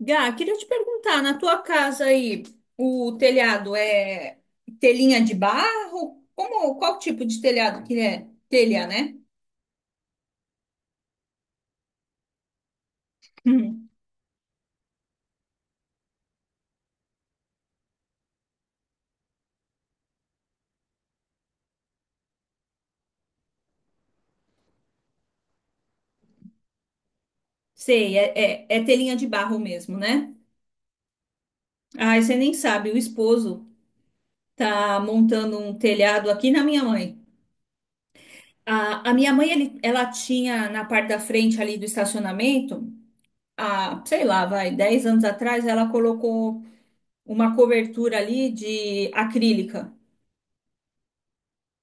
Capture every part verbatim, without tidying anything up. Gá, queria te perguntar, na tua casa aí, o telhado é telhinha de barro? Como, qual tipo de telhado que é? Telha, né? Hum. Sei, é, é, é telhinha de barro mesmo, né? Ai, você nem sabe, o esposo tá montando um telhado aqui na minha mãe. A, a minha mãe, ele- ela tinha na parte da frente ali do estacionamento, há, sei lá, vai, dez anos atrás, ela colocou uma cobertura ali de acrílica.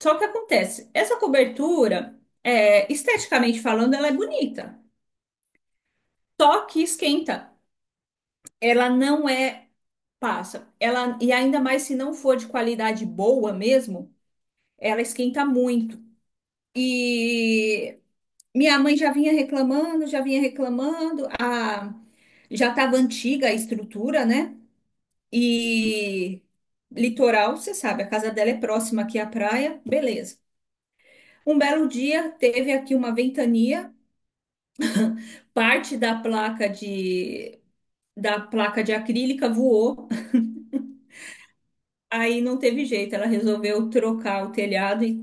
Só que acontece, essa cobertura, é, esteticamente falando, ela é bonita, só que esquenta. Ela não é passa. Ela e ainda mais se não for de qualidade boa mesmo, ela esquenta muito. E minha mãe já vinha reclamando, já vinha reclamando, a já estava antiga a estrutura, né? E litoral, você sabe, a casa dela é próxima aqui à praia, beleza. Um belo dia teve aqui uma ventania, parte da placa de da placa de acrílica voou. Aí não teve jeito, ela resolveu trocar o telhado e,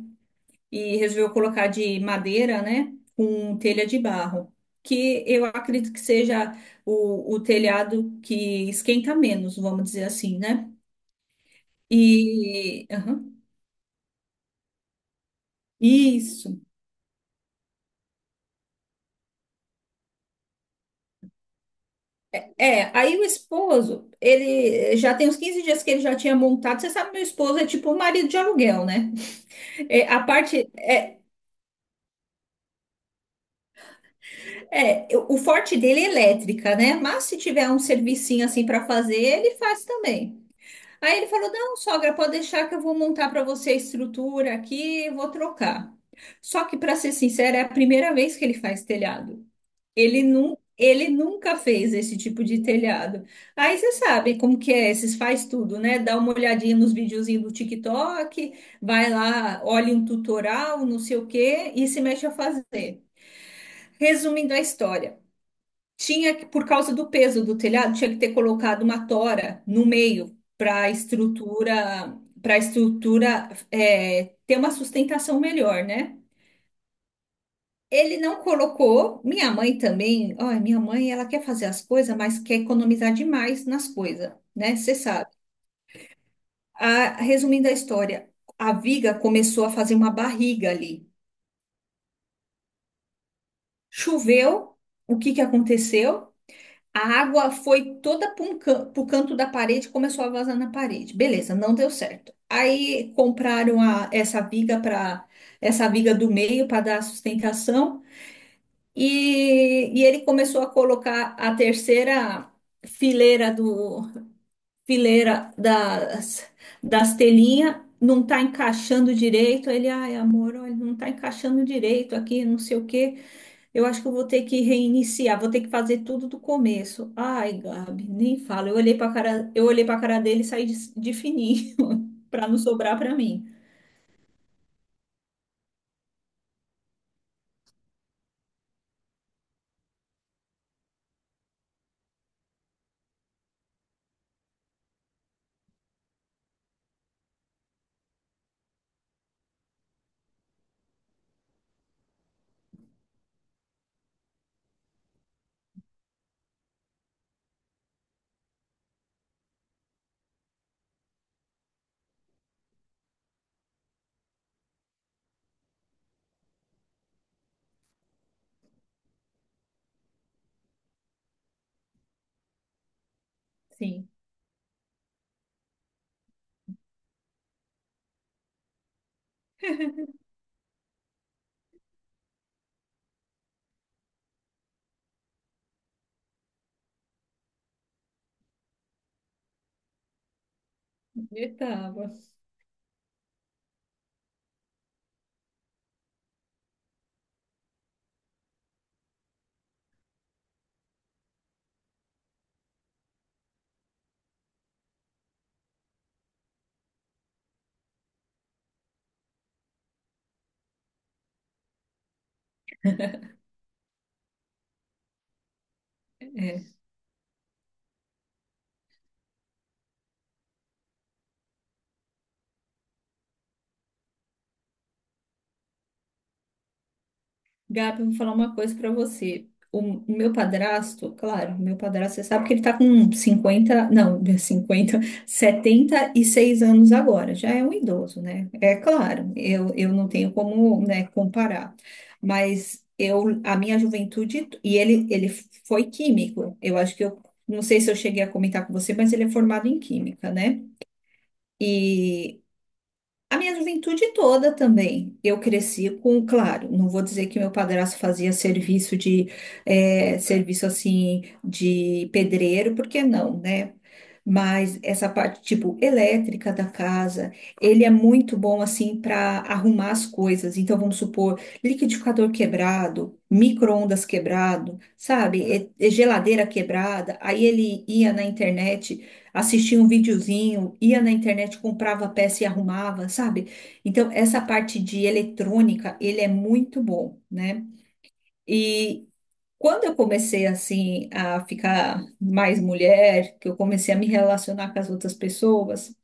e resolveu colocar de madeira, né, com telha de barro, que eu acredito que seja o, o telhado que esquenta menos, vamos dizer assim, né? E aham, isso. É, aí o esposo, ele já tem uns quinze dias que ele já tinha montado. Você sabe, meu esposo é tipo um marido de aluguel, né? É, a parte, é. É, eu- o forte dele é elétrica, né? Mas se tiver um servicinho assim para fazer, ele faz também. Aí ele falou: não, sogra, pode deixar que eu vou montar para você a estrutura aqui, eu vou trocar. Só que, para ser sincera, é a primeira vez que ele faz telhado. Ele, nu ele nunca fez esse tipo de telhado. Aí você sabe como que é, esses faz tudo, né? Dá uma olhadinha nos videozinhos do TikTok, vai lá, olha um tutorial, não sei o quê, e se mexe a fazer. Resumindo a história. Tinha, que- por causa do peso do telhado, tinha que ter colocado uma tora no meio para a estrutura, para estrutura é, ter uma sustentação melhor, né? Ele não colocou. Minha mãe também. Olha, minha mãe, ela quer fazer as coisas, mas quer economizar demais nas coisas, né? Você sabe. A- resumindo a história, a viga começou a fazer uma barriga ali. Choveu. O que que aconteceu? A água foi toda para o canto da parede, e começou a vazar na parede. Beleza, não deu certo. Aí compraram a- essa viga para essa viga do meio para dar sustentação e, e ele começou a colocar a terceira fileira do fileira das, das telhinhas. Não está encaixando direito. Ele, ai, amor, olha, não está encaixando direito aqui, não sei o quê. Eu acho que eu vou ter que reiniciar, vou ter que fazer tudo do começo. Ai, Gabi, nem fala. Eu olhei para cara, eu olhei para cara dele e saí de, de fininho para não sobrar para mim. Sim, eu tava. Gabi, eu vou falar uma coisa pra você. O, o meu padrasto, claro, o meu padrasto, você sabe que ele tá com cinquenta, não, cinquenta, setenta e seis anos agora, já é um idoso, né? É claro, eu, eu não tenho como, né, comparar, mas eu, a minha juventude, e ele, ele foi químico, eu acho que eu, não sei se eu cheguei a comentar com você, mas ele é formado em química, né? E a minha juventude toda também. Eu cresci com, claro, não vou dizer que meu padrasto fazia serviço de, eh, serviço assim, de pedreiro, porque não, né? Mas essa parte, tipo, elétrica da casa, ele é muito bom, assim, para arrumar as coisas. Então, vamos supor, liquidificador quebrado, micro-ondas quebrado, sabe? E- e geladeira quebrada. Aí ele ia na internet, assistia um videozinho, ia na internet, comprava a peça e arrumava, sabe? Então, essa parte de eletrônica, ele é muito bom, né? E quando eu comecei, assim, a ficar mais mulher, que eu comecei a me relacionar com as outras pessoas,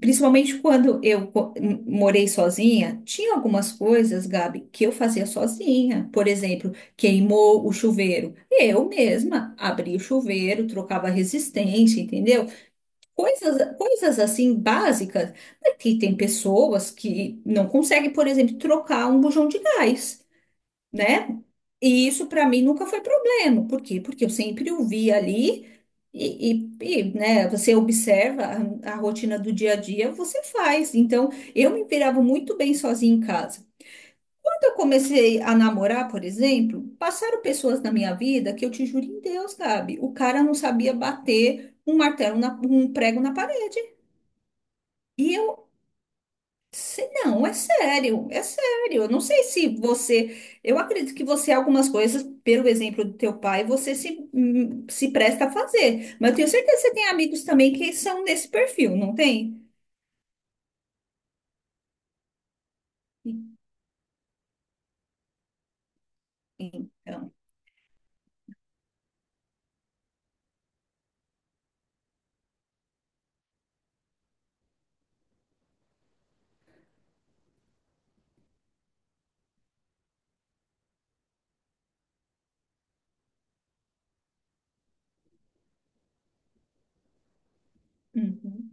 principalmente quando eu co- m- morei sozinha, tinha algumas coisas, Gabi, que eu fazia sozinha. Por exemplo, queimou o chuveiro. Eu mesma abria o chuveiro, trocava a resistência, entendeu? Coisas, coisas assim básicas, porque tem pessoas que não conseguem, por exemplo, trocar um bujão de gás, né? E isso para mim nunca foi problema. Por quê? Porque eu sempre o vi ali e, e- e, né, você observa a, a rotina do dia a dia, você faz. Então, eu me virava muito bem sozinha em casa. Quando eu comecei a namorar, por exemplo, passaram pessoas na minha vida que eu te juro em Deus, Gabi, o cara não sabia bater um martelo, na- um prego na parede. E eu, se- não, é sério, é sério. Eu não sei se você, eu acredito que você, algumas coisas, pelo exemplo do teu pai, você se, hum, se presta a fazer. Mas eu tenho certeza que você tem amigos também que são nesse perfil, não tem? Então, uhum,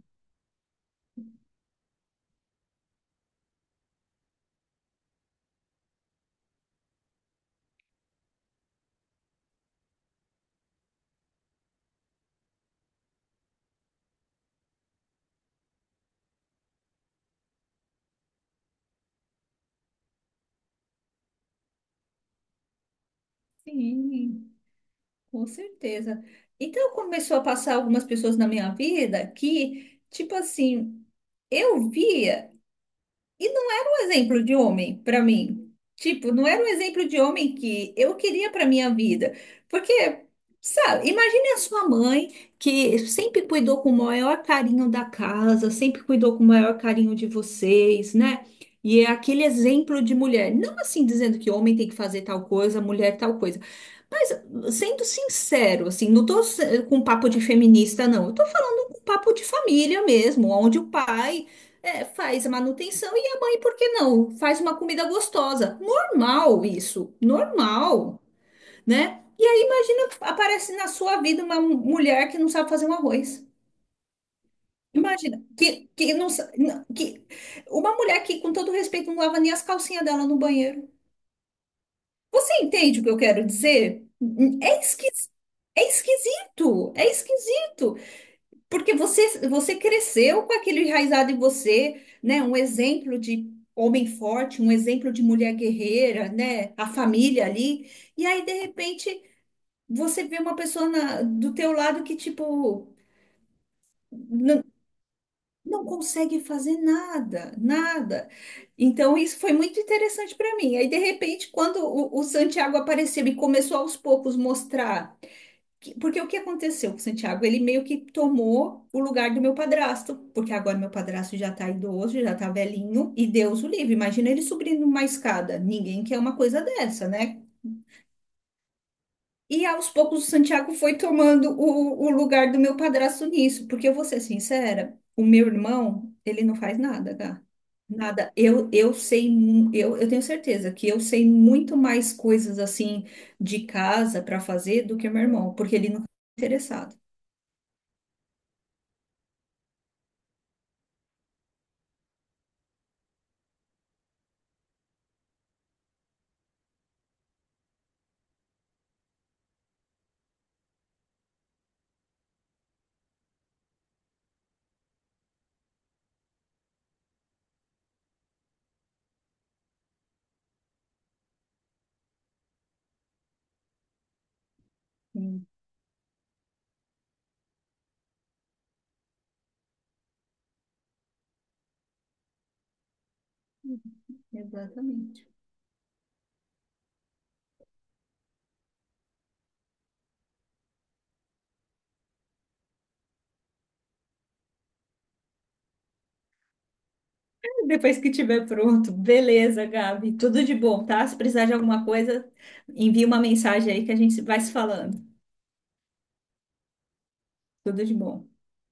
sim, com certeza. Então começou a passar algumas pessoas na minha vida que, tipo assim, eu via. E não era um exemplo de homem para mim. Tipo, não era um exemplo de homem que eu queria para minha vida. Porque, sabe, imagine a sua mãe que sempre cuidou com o maior carinho da casa, sempre cuidou com o maior carinho de vocês, né? E é aquele exemplo de mulher. Não assim dizendo que homem tem que fazer tal coisa, mulher tal coisa. Mas sendo sincero, assim, não tô se- com papo de feminista, não. Eu tô falando com papo de família mesmo, onde o pai é, faz a manutenção e a mãe, por que não? Faz uma comida gostosa. Normal isso, normal, né? E aí, imagina, aparece na sua vida uma mulher que não sabe fazer um arroz. Imagina, que, que não, sa- não- que uma mulher que, com todo respeito, não lava nem as calcinhas dela no banheiro. Você entende o que eu quero dizer? É esquisito, é esquisito, é esquisito. Porque você, você cresceu com aquilo enraizado em você, né? Um exemplo de homem forte, um exemplo de mulher guerreira, né? A família ali. E aí, de repente, você vê uma pessoa na- do teu lado que, tipo, não, não consegue fazer nada, nada. Então, isso foi muito interessante para mim. Aí, de repente, quando o, o Santiago apareceu e começou aos poucos mostrar que- Porque o que aconteceu com o Santiago? Ele meio que tomou o lugar do meu padrasto, porque agora meu padrasto já tá idoso, já tá velhinho, e Deus o livre. Imagina ele subindo uma escada. Ninguém quer uma coisa dessa, né? E aos poucos o Santiago foi tomando o, o lugar do meu padrasto nisso, porque eu vou ser sincera, o meu irmão, ele não faz nada, cara. Nada. Eu, eu sei, mu- eu, eu tenho certeza que eu sei muito mais coisas assim de casa para fazer do que meu irmão, porque ele não é interessado. Exatamente. Depois que tiver pronto, beleza, Gabi. Tudo de bom, tá? Se precisar de alguma coisa, envia uma mensagem aí que a gente vai se falando. Tudo de bom.